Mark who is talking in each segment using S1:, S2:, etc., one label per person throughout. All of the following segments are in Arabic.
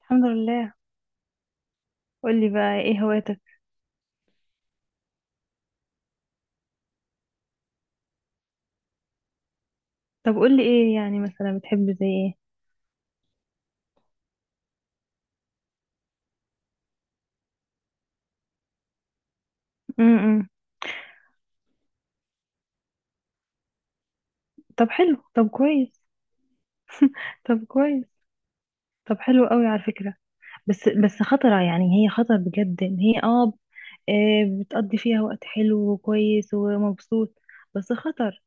S1: الحمد لله. قولي بقى ايه هواياتك؟ طب قولي ايه يعني، مثلا بتحب زي ايه؟ إمم. طب حلو، طب كويس. طب كويس. طب حلو قوي على فكرة. بس خطرة يعني، هي خطر بجد، ان هي بتقضي فيها وقت حلو وكويس ومبسوط، بس خطر.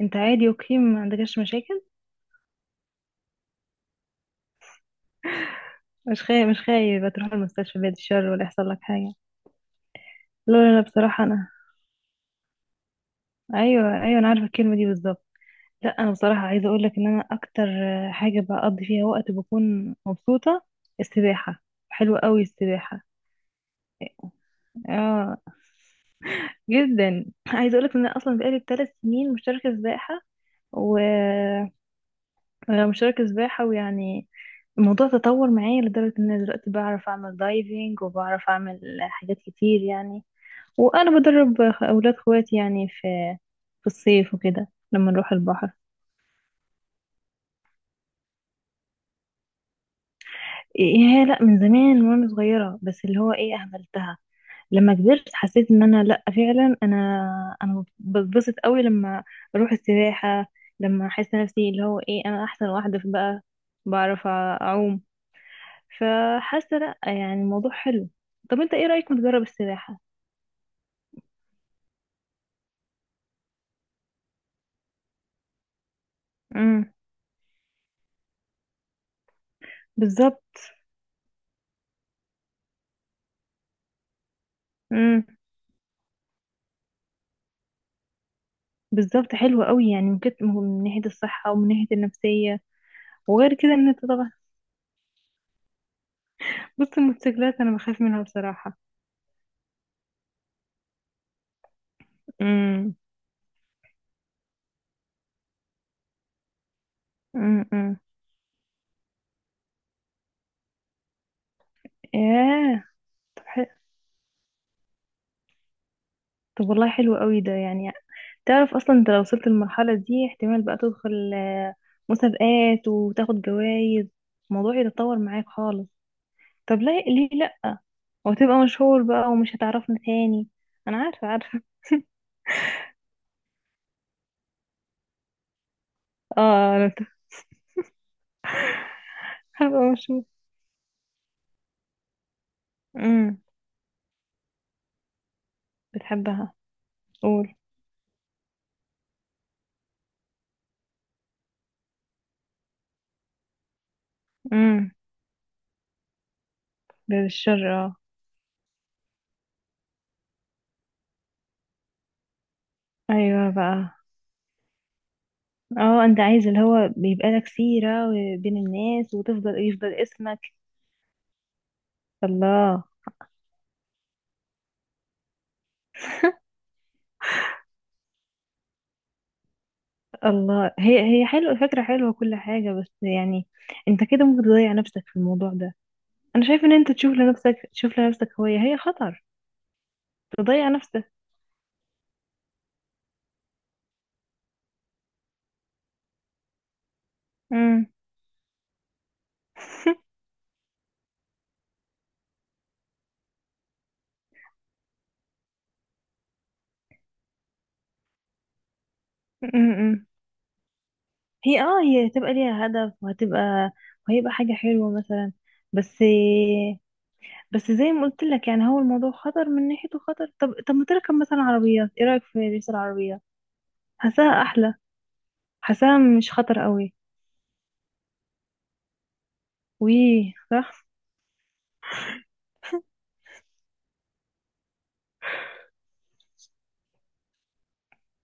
S1: انت عادي اوكي، ما عندكش مشاكل؟ مش خايف تروح المستشفى بعد الشر ولا يحصل لك حاجة؟ لا لا لا، بصراحة انا… ايوه ايوه، انا عارفة الكلمة دي بالظبط. لا، انا بصراحه عايزه اقول لك ان انا اكتر حاجه بقضي فيها وقت بكون مبسوطه، السباحه. حلوه قوي السباحه. اه، جدا. عايزه اقول لك ان انا اصلا بقالي 3 سنين مشتركه سباحه، و مشتركه سباحه ويعني الموضوع تطور معايا لدرجه ان انا دلوقتي بعرف اعمل دايفنج وبعرف اعمل حاجات كتير يعني، وانا بدرب اولاد اخواتي يعني في الصيف وكده لما نروح البحر. ايه، لا، من زمان وانا صغيره، بس اللي هو ايه، اهملتها. لما كبرت حسيت ان انا، لا فعلا، انا بتبسط قوي لما اروح السباحه. لما احس نفسي اللي هو ايه، انا احسن واحده في بقى، بعرف اعوم، فحاسه لا يعني الموضوع حلو. طب انت ايه رايك نجرب السباحه؟ امم، بالظبط. امم، بالظبط، حلو قوي يعني، من كت- من ناحيه الصحه ومن ناحيه النفسيه. وغير كده ان انت طبعا… بص الموتوسيكلات انا بخاف منها بصراحه. امم، امم. امم. ياه. طب، حلو. طب والله حلو قوي ده يعني. تعرف اصلا انت لو وصلت للمرحلة دي احتمال بقى تدخل مسابقات وتاخد جوائز. الموضوع يتطور معاك خالص. طب ليه، ليه لا؟ وتبقى مشهور بقى ومش هتعرفنا تاني. انا عارفة، عارفة. اه انا بت- هبقى مشهور. امم. بتحبها؟ قول. امم. بالشر اه. ايوه بقى. اه، انت عايز اللي هو بيبقى لك سيرة بين الناس وتفضل، يفضل اسمك. الله. الله، هي هي حلوة، فكرة حلوة كل حاجة، بس يعني انت كده ممكن تضيع نفسك في الموضوع ده. انا شايف ان انت تشوف لنفسك، تشوف لنفسك هواية هي خطر. تضيع نفسك. امم، امم. هي اه هي هتبقى ليها هدف وهتبقى، وهيبقى حاجة حلوة مثلا. بس، زي ما قلت لك يعني، هو الموضوع خطر، من ناحيته خطر. طب، طب ما تركب مثلا عربيات، ايه رأيك في ريس العربيات؟ حاساها احلى. حاساها مش خطر قوي. ويه، صح.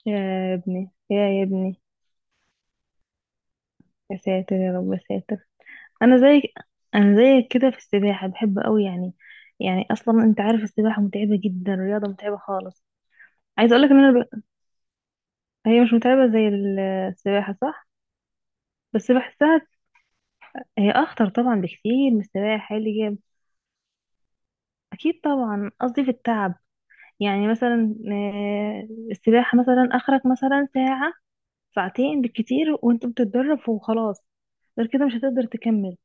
S1: يا ابني، يا ابني. يا ساتر يا رب، يا ساتر. انا زي… انا زيك كده في السباحه، بحب قوي يعني. يعني اصلا انت عارف السباحه متعبه جدا، رياضه متعبه خالص. عايزه اقول لك ان انا ب… هي مش متعبه زي ال- السباحه، صح؟ بس بحسها… هي اخطر طبعا بكتير من السباحه اللي جاب. اكيد طبعا، قصدي في التعب. يعني مثلا السباحه مثلا اخرك مثلا ساعه، ساعتين بالكتير وانت بتتدرب وخلاص، غير كده مش هتقدر تكمل.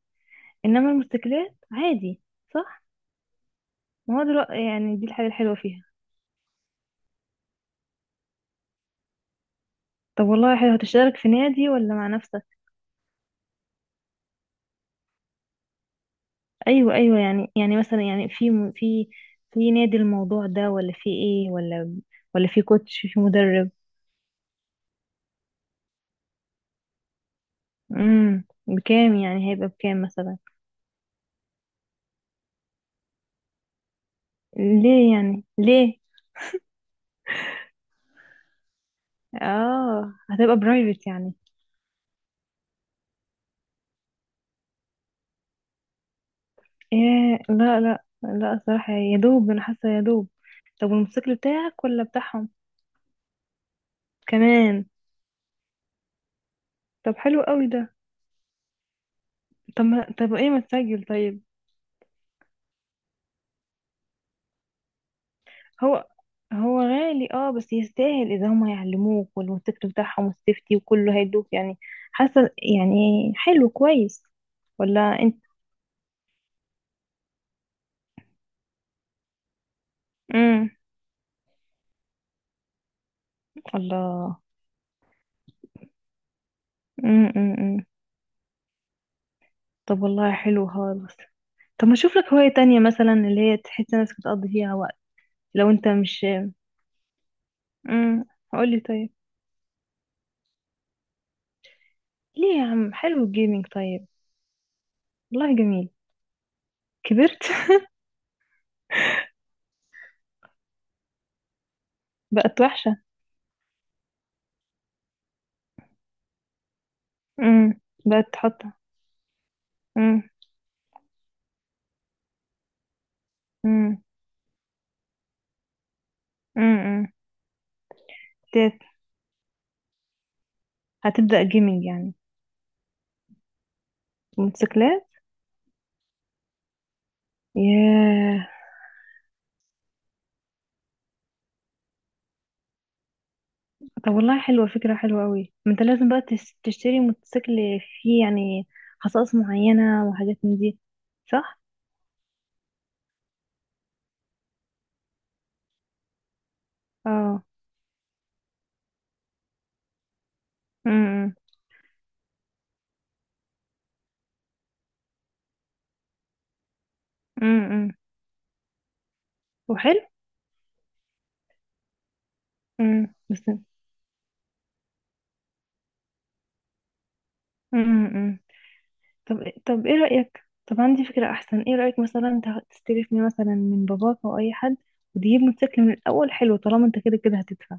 S1: انما الموتوسيكلات عادي. صح. ما هو دلوقتي يعني دي الحاجة الحلوة فيها. طب والله حلو، هتشترك في نادي ولا مع نفسك؟ ايوه ايوه، يعني مثلا يعني في م- في في نادي الموضوع ده ولا في ايه، ولا في كوتش، في مدرب؟ امم. بكام يعني، هيبقى بكام مثلا؟ ليه يعني، ليه؟ اه، هتبقى برايفت يعني. ايه. لا لا لا، الصراحة يا دوب، انا حاسة يا دوب. طب والموتوسيكل بتاعك ولا بتاعهم؟ كمان. طب حلو قوي ده. طب ما طب ايه، ما تسجل طيب. هو… هو غالي اه، بس يستاهل اذا هم هيعلموك والموتوسيكل بتاعهم والسيفتي وكله هيدوك يعني. حاسه يعني حلو، كويس. ولا انت؟ امم. الله. امم، امم. طب والله حلو خالص. طب ما اشوف لك هوايه تانية مثلا اللي هي تحس نفسك بتقضي فيها وقت. لو انت مش… امم. قولي طيب. ليه يا عم، حلو الجيمنج طيب، والله جميل. كبرت. بقت وحشه. امم. بقت تحط. امم، امم. امم. هتبدأ جيمنج يعني؟ موتوسيكلات. ياه. طب والله حلوة، فكرة حلوة قوي. ما انت لازم بقى تس- تشتري موتوسيكل فيه يعني خصائص معينة وحاجات من دي، صح؟ اه. امم. امم. وحلو. امم، بس. إمم. طب، طب ايه رأيك، طب عندي فكرة احسن، ايه رأيك مثلا ت- تستلفني مثلا من باباك او اي حد وتجيب موتوسيكل من الاول، حلو طالما انت كده كده هتدفع.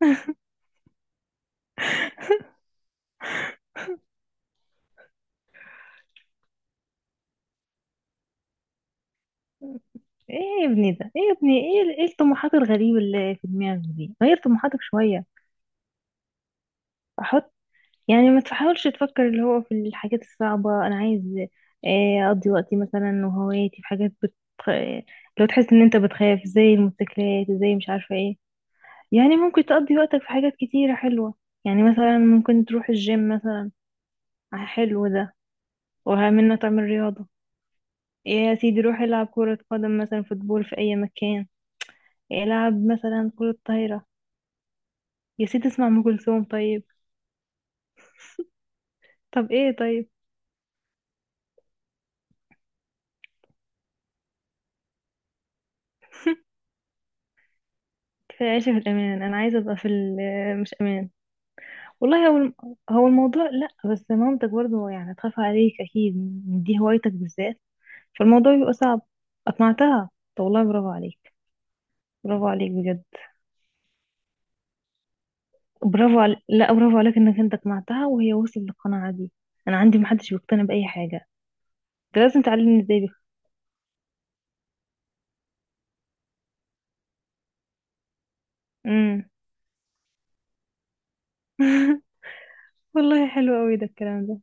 S1: ايه يا ابني ده، ايه يا ابني، ايه ايه الطموحات الغريبة اللي في دماغك دي؟ غير طموحاتك شوية. احط. يعني ما تحاولش تفكر اللي هو في الحاجات الصعبة، أنا عايز أقضي وقتي مثلا وهواياتي في حاجات بت… لو تحس إن أنت بتخاف زي الموتوسيكلات زي مش عارفة إيه، يعني ممكن تقضي وقتك في حاجات كتيرة حلوة. يعني مثلا ممكن تروح الجيم مثلا. حلو ده، ومنه تعمل رياضة. إيه يا سيدي، روح العب كرة قدم مثلا، فوتبول في أي مكان. العب مثلا كرة طايرة. يا سيدي، اسمع أم كلثوم طيب. طب إيه طيب؟ كفاية عيشة في الأمان. أنا عايزة أبقى في ال- مش أمان. والله هو الم-… هو الموضوع، لا، بس مامتك برضو يعني تخاف عليك اكيد، من دي هوايتك بالذات، فالموضوع بيبقى صعب. اقنعتها؟ طب والله برافو عليك. برافو عليك بجد. برافو عليك، لا برافو عليك انك انت اقنعتها وهي وصلت للقناعة دي. انا عندي محدش بيقتنع باي حاجة. انت لازم تعلمني ازاي بك. امم. والله حلو قوي ده الكلام ده.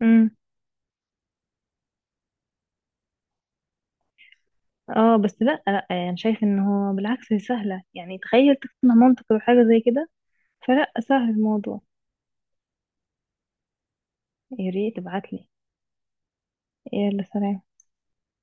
S1: امم. اه بس، لا لا، يعني شايف ان هو بالعكس هي سهلة؟ يعني تخيل تقنع مامتك بحاجة زي كده، فلا سهل الموضوع. يا ريت تبعتلي. يلا سلام.